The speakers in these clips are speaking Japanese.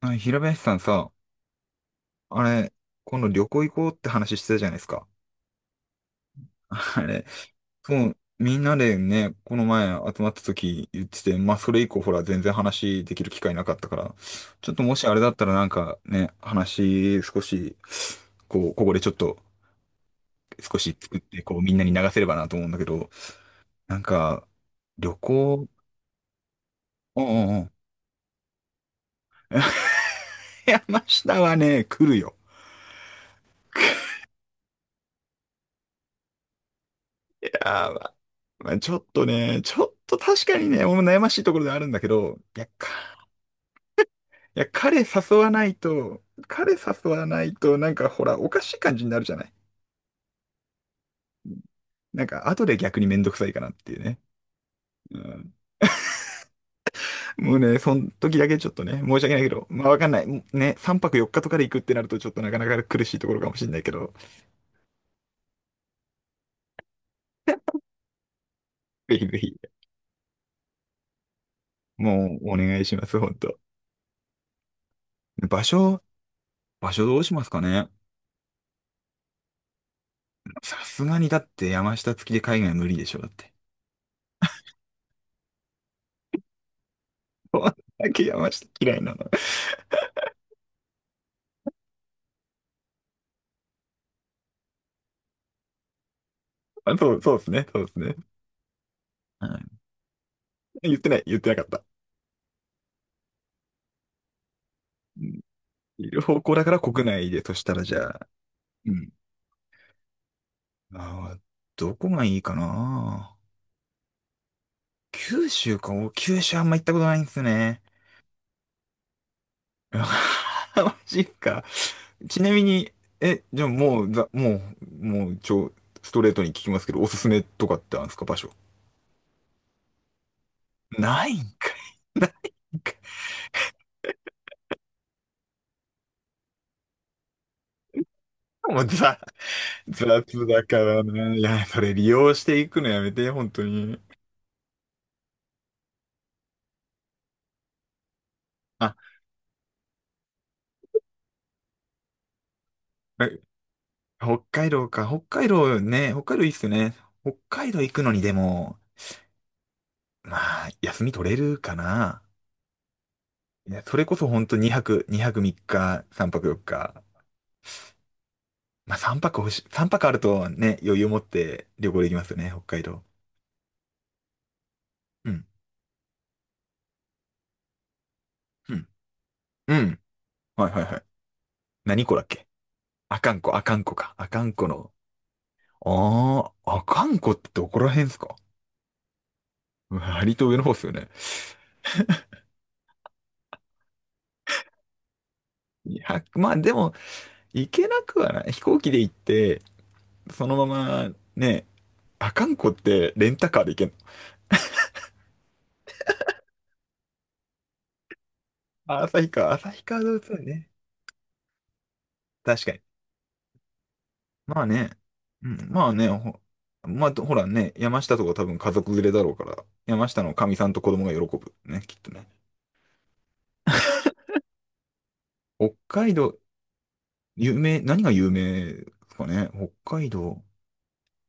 あ、平林さんさ、あれ、今度旅行行こうって話してたじゃないですか。あれ、そう、みんなでね、この前集まった時言ってて、まあそれ以降ほら全然話できる機会なかったから、ちょっともしあれだったらなんかね、話少し、こう、ここでちょっと少し作って、こうみんなに流せればなと思うんだけど。なんか、旅行、うんうんうん。山下はね、来るよ。やーまあ、まあちょっとね、ちょっと確かにね、俺も悩ましいところではあるんだけど、いや、彼誘わないと、なんかほら、おかしい感じになるじゃない。なんか、後で逆にめんどくさいかなっていうね。うん、もうね、その時だけちょっとね、申し訳ないけど、まあわかんない。ね、3泊4日とかで行くってなると、ちょっとなかなか苦しいところかもしれないけど。ぜひぜひ、もうお願いします、ほんと。場所、場所、どうしますかね。さすがにだって山下付きで海外無理でしょ、だって。山下嫌いなの。あ、そう、そうですね、そうですね。はい。言ってない、言ってなかった。うん、いる方向だから国内で、そしたらじゃあ、うん。あー、どこがいいかな。九州か、九州あんま行ったことないんですね。うわーマジか。ちなみに、じゃあもう、ストレートに聞きますけど、おすすめとかってあるんですか、場所。ないんかい。ないんかい。もう雑だからねいや、それ利用していくのやめて、本当に。あ、え北海道か。北海道ね、北海道いいっすよね。北海道行くのにでも、まあ、休み取れるかな。いや、それこそ本当2泊、2泊3日、3泊4日。まあ3泊欲しい、泊あるとね、余裕持って旅行できますよね、北海道。うん。うん。うん。はいはいはい。何湖だっけ。阿寒湖、阿寒湖か。阿寒湖の。ああ、阿寒湖ってどこら辺ですか？割と上の方っすよね。2 0、まあでも、行けなくはない。飛行機で行って、そのままね、あかんこってレンタカーで行けんの。あ、旭川動物園ね。確かに。まあね、うん、まあね、まあ、ほらね、山下とか多分家族連れだろうから、山下のかみさんと子供が喜ぶ。ね、きっとね。北海道、有名、何が有名ですかね。北海道。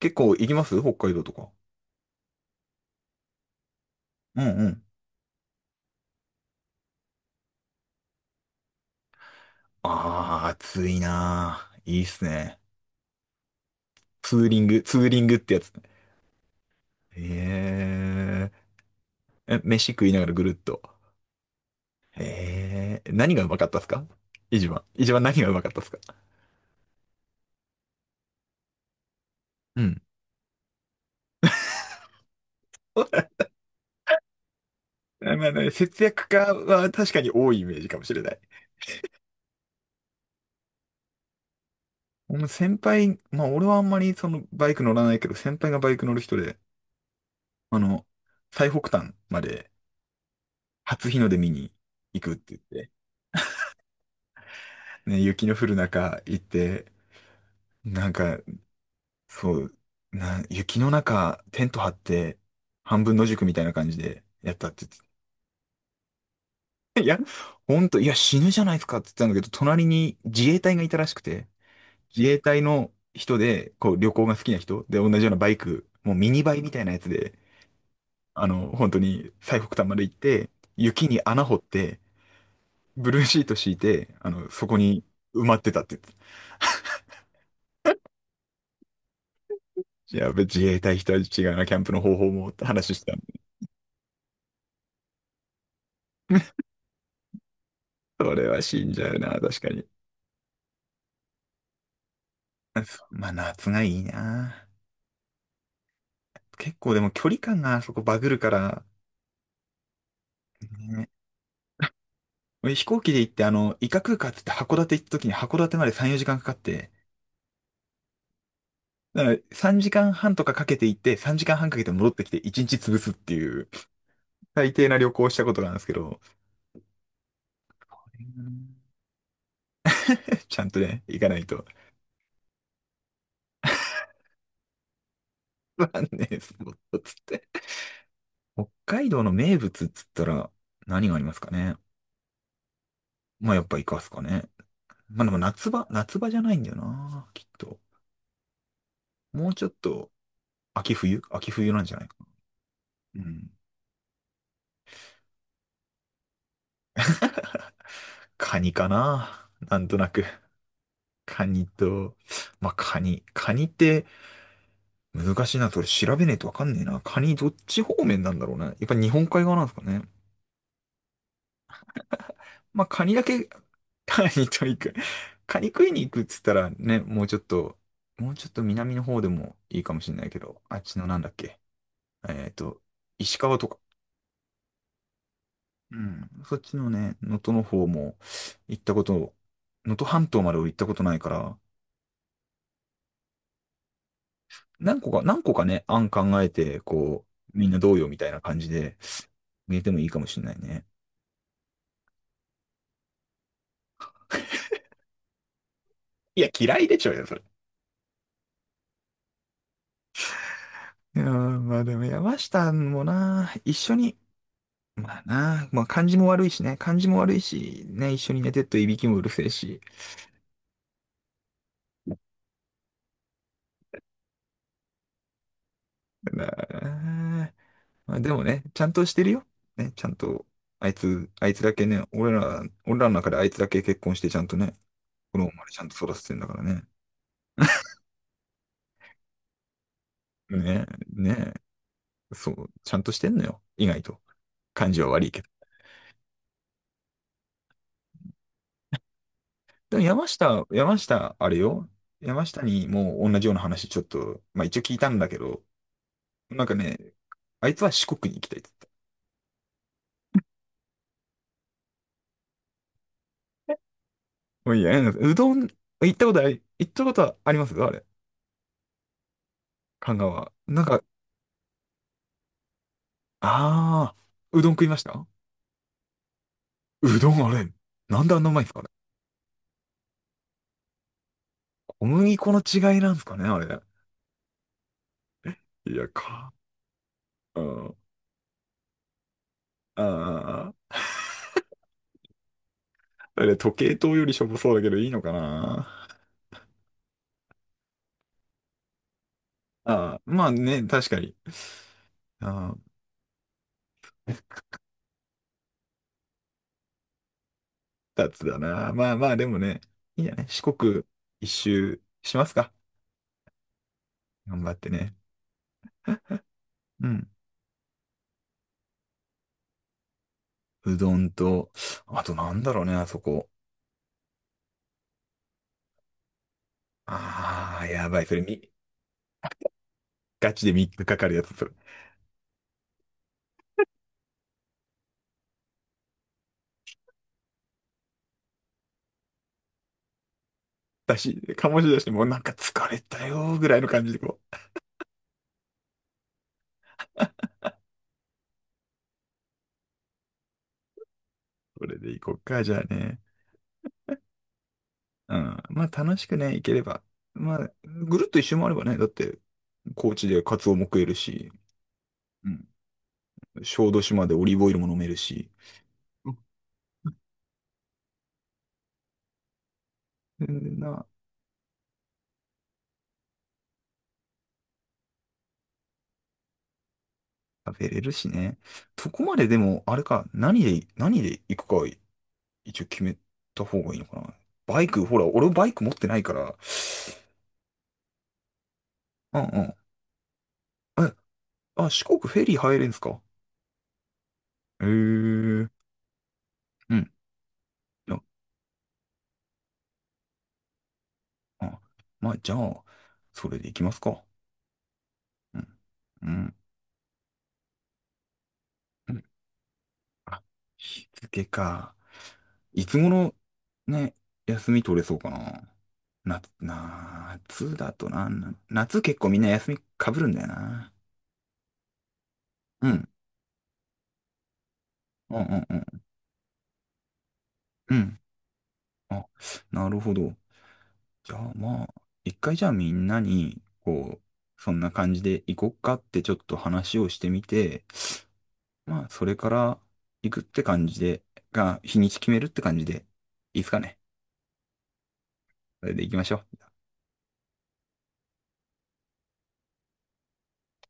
結構行きます北海道とか。うんうん。ああ、暑いなー。いいっすね。ツーリングってやつ。へえ。飯食いながらぐるっと。へえ。何がうまかったっすか、一番。一番何がうまかったっすか。うん。まあまあ、ね、節約家は確かに多いイメージかもしれない。もう先輩、まあ俺はあんまりそのバイク乗らないけど、先輩がバイク乗る人で、あの、最北端まで初日の出見に行くって言って、ね、雪の降る中行って、なんか、そう、雪の中テント張って、半分野宿みたいな感じでやったって。ほんと、いや、死ぬじゃないですかって言ってたんだけど、隣に自衛隊がいたらしくて、自衛隊の人で、こう、旅行が好きな人で、同じようなバイク、もうミニバイみたいなやつで、本当に最北端まで行って、雪に穴掘って、ブルーシート敷いて、そこに埋まってたって言ってた。いや自衛隊人は違うな、キャンプの方法もって話してたんで。それは死んじゃうな、確かに。まあ、夏がいいな。結構でも距離感があそこバグるから、俺飛行機で行って、伊賀空港っつって函館行った時に函館まで3、4時間かかって、だから3時間半とかかけて行って、3時間半かけて戻ってきて1日潰すっていう、最低な旅行をしたことがあるんですけど。ちゃんとね、行かないと。まあね、スポットつって。北海道の名物っつったら何がありますかね。まあやっぱイカっすかね。まあでも夏場じゃないんだよな、きっと。もうちょっと、秋冬秋冬なんじゃないかな。うん。カニかな、なんとなく。カニと、まあ、カニ。カニって難しいな。それ調べねえとわかんねえな。カニどっち方面なんだろうね。やっぱ日本海側なんですかね。まあ、カニだけ、カニと行く。カニ食いに行くっつったらね、もうちょっと、南の方でもいいかもしれないけど、あっちのなんだっけ。えっと、石川とか。うん。そっちのね、能登の方も行ったこと、能登半島まで俺行ったことないから、何個か、ね、案考えて、こう、みんなどうよみたいな感じで、入れてもいいかもしれないね。いや、嫌いでちょうよ、それ。いやー、まあでも山下もな、一緒に、まあな、まあ感じも悪いしね、感じも悪いし、ね、一緒に寝てっといびきもうるせえし。まあまあでもね、ちゃんとしてるよ。ね、ちゃんと、あいつだけね、俺らの中であいつだけ結婚してちゃんとね、子供までちゃんと育ててんだからね。ね、ね、そう、ちゃんとしてんのよ。意外と。感じは悪いけど。でも山下、あれよ。山下にもう同じような話ちょっと、まあ一応聞いたんだけど、なんかね、あいつは四国に行きたいって言った。もういいや、なんかうどん、行ったことあり、行ったことはあります、あれ。神奈川。なんか、ああ、うどん食いました。うどんあれ、なんであんなうまいんですかね。小麦粉の違いなんですかね、あれ。いや、か。うん。ああ、あれ、時計塔よりしょぼそうだけどいいのかな。ああ、まあね、確かに。あつだな。まあまあ、でもね、いいんじゃない四国一周しますか。頑張ってね。うん。うどんと、あとなんだろうね、あそこ。ああ、やばい。それみ、ガチで3日かかかるやつ、それ。醸し出して、もうなんか疲れたよ、ぐらいの感じでこう。それで行こっか、じゃあね。うん。まあ楽しくね、行ければ。まあ、ぐるっと一周もあればね、だって、高知でカツオも食えるし、うん。小豆島でオリーブオイルも飲めるし。うん、全然な、食べれるしね。そこまででも、あれか、何で行くか一応決めた方がいいのかな。バイク、ほら、俺バイク持ってないから。うんうん。四国フェリー入れんすか。ええー。うん。いやあ、まあ、じゃあ、それで行きますか。うん。うん。うん、あ、日付か。いつ頃ね、休み取れそうかな。夏だとな、夏結構みんな休みかぶるんだよな。うんうんうんうん。うん、あ、なるほど。じゃあまあ、一回じゃあみんなに、こう、そんな感じで行こっかってちょっと話をしてみて、まあ、それから行くって感じで、日にち決めるって感じで、いいですかね。それで行きましょう。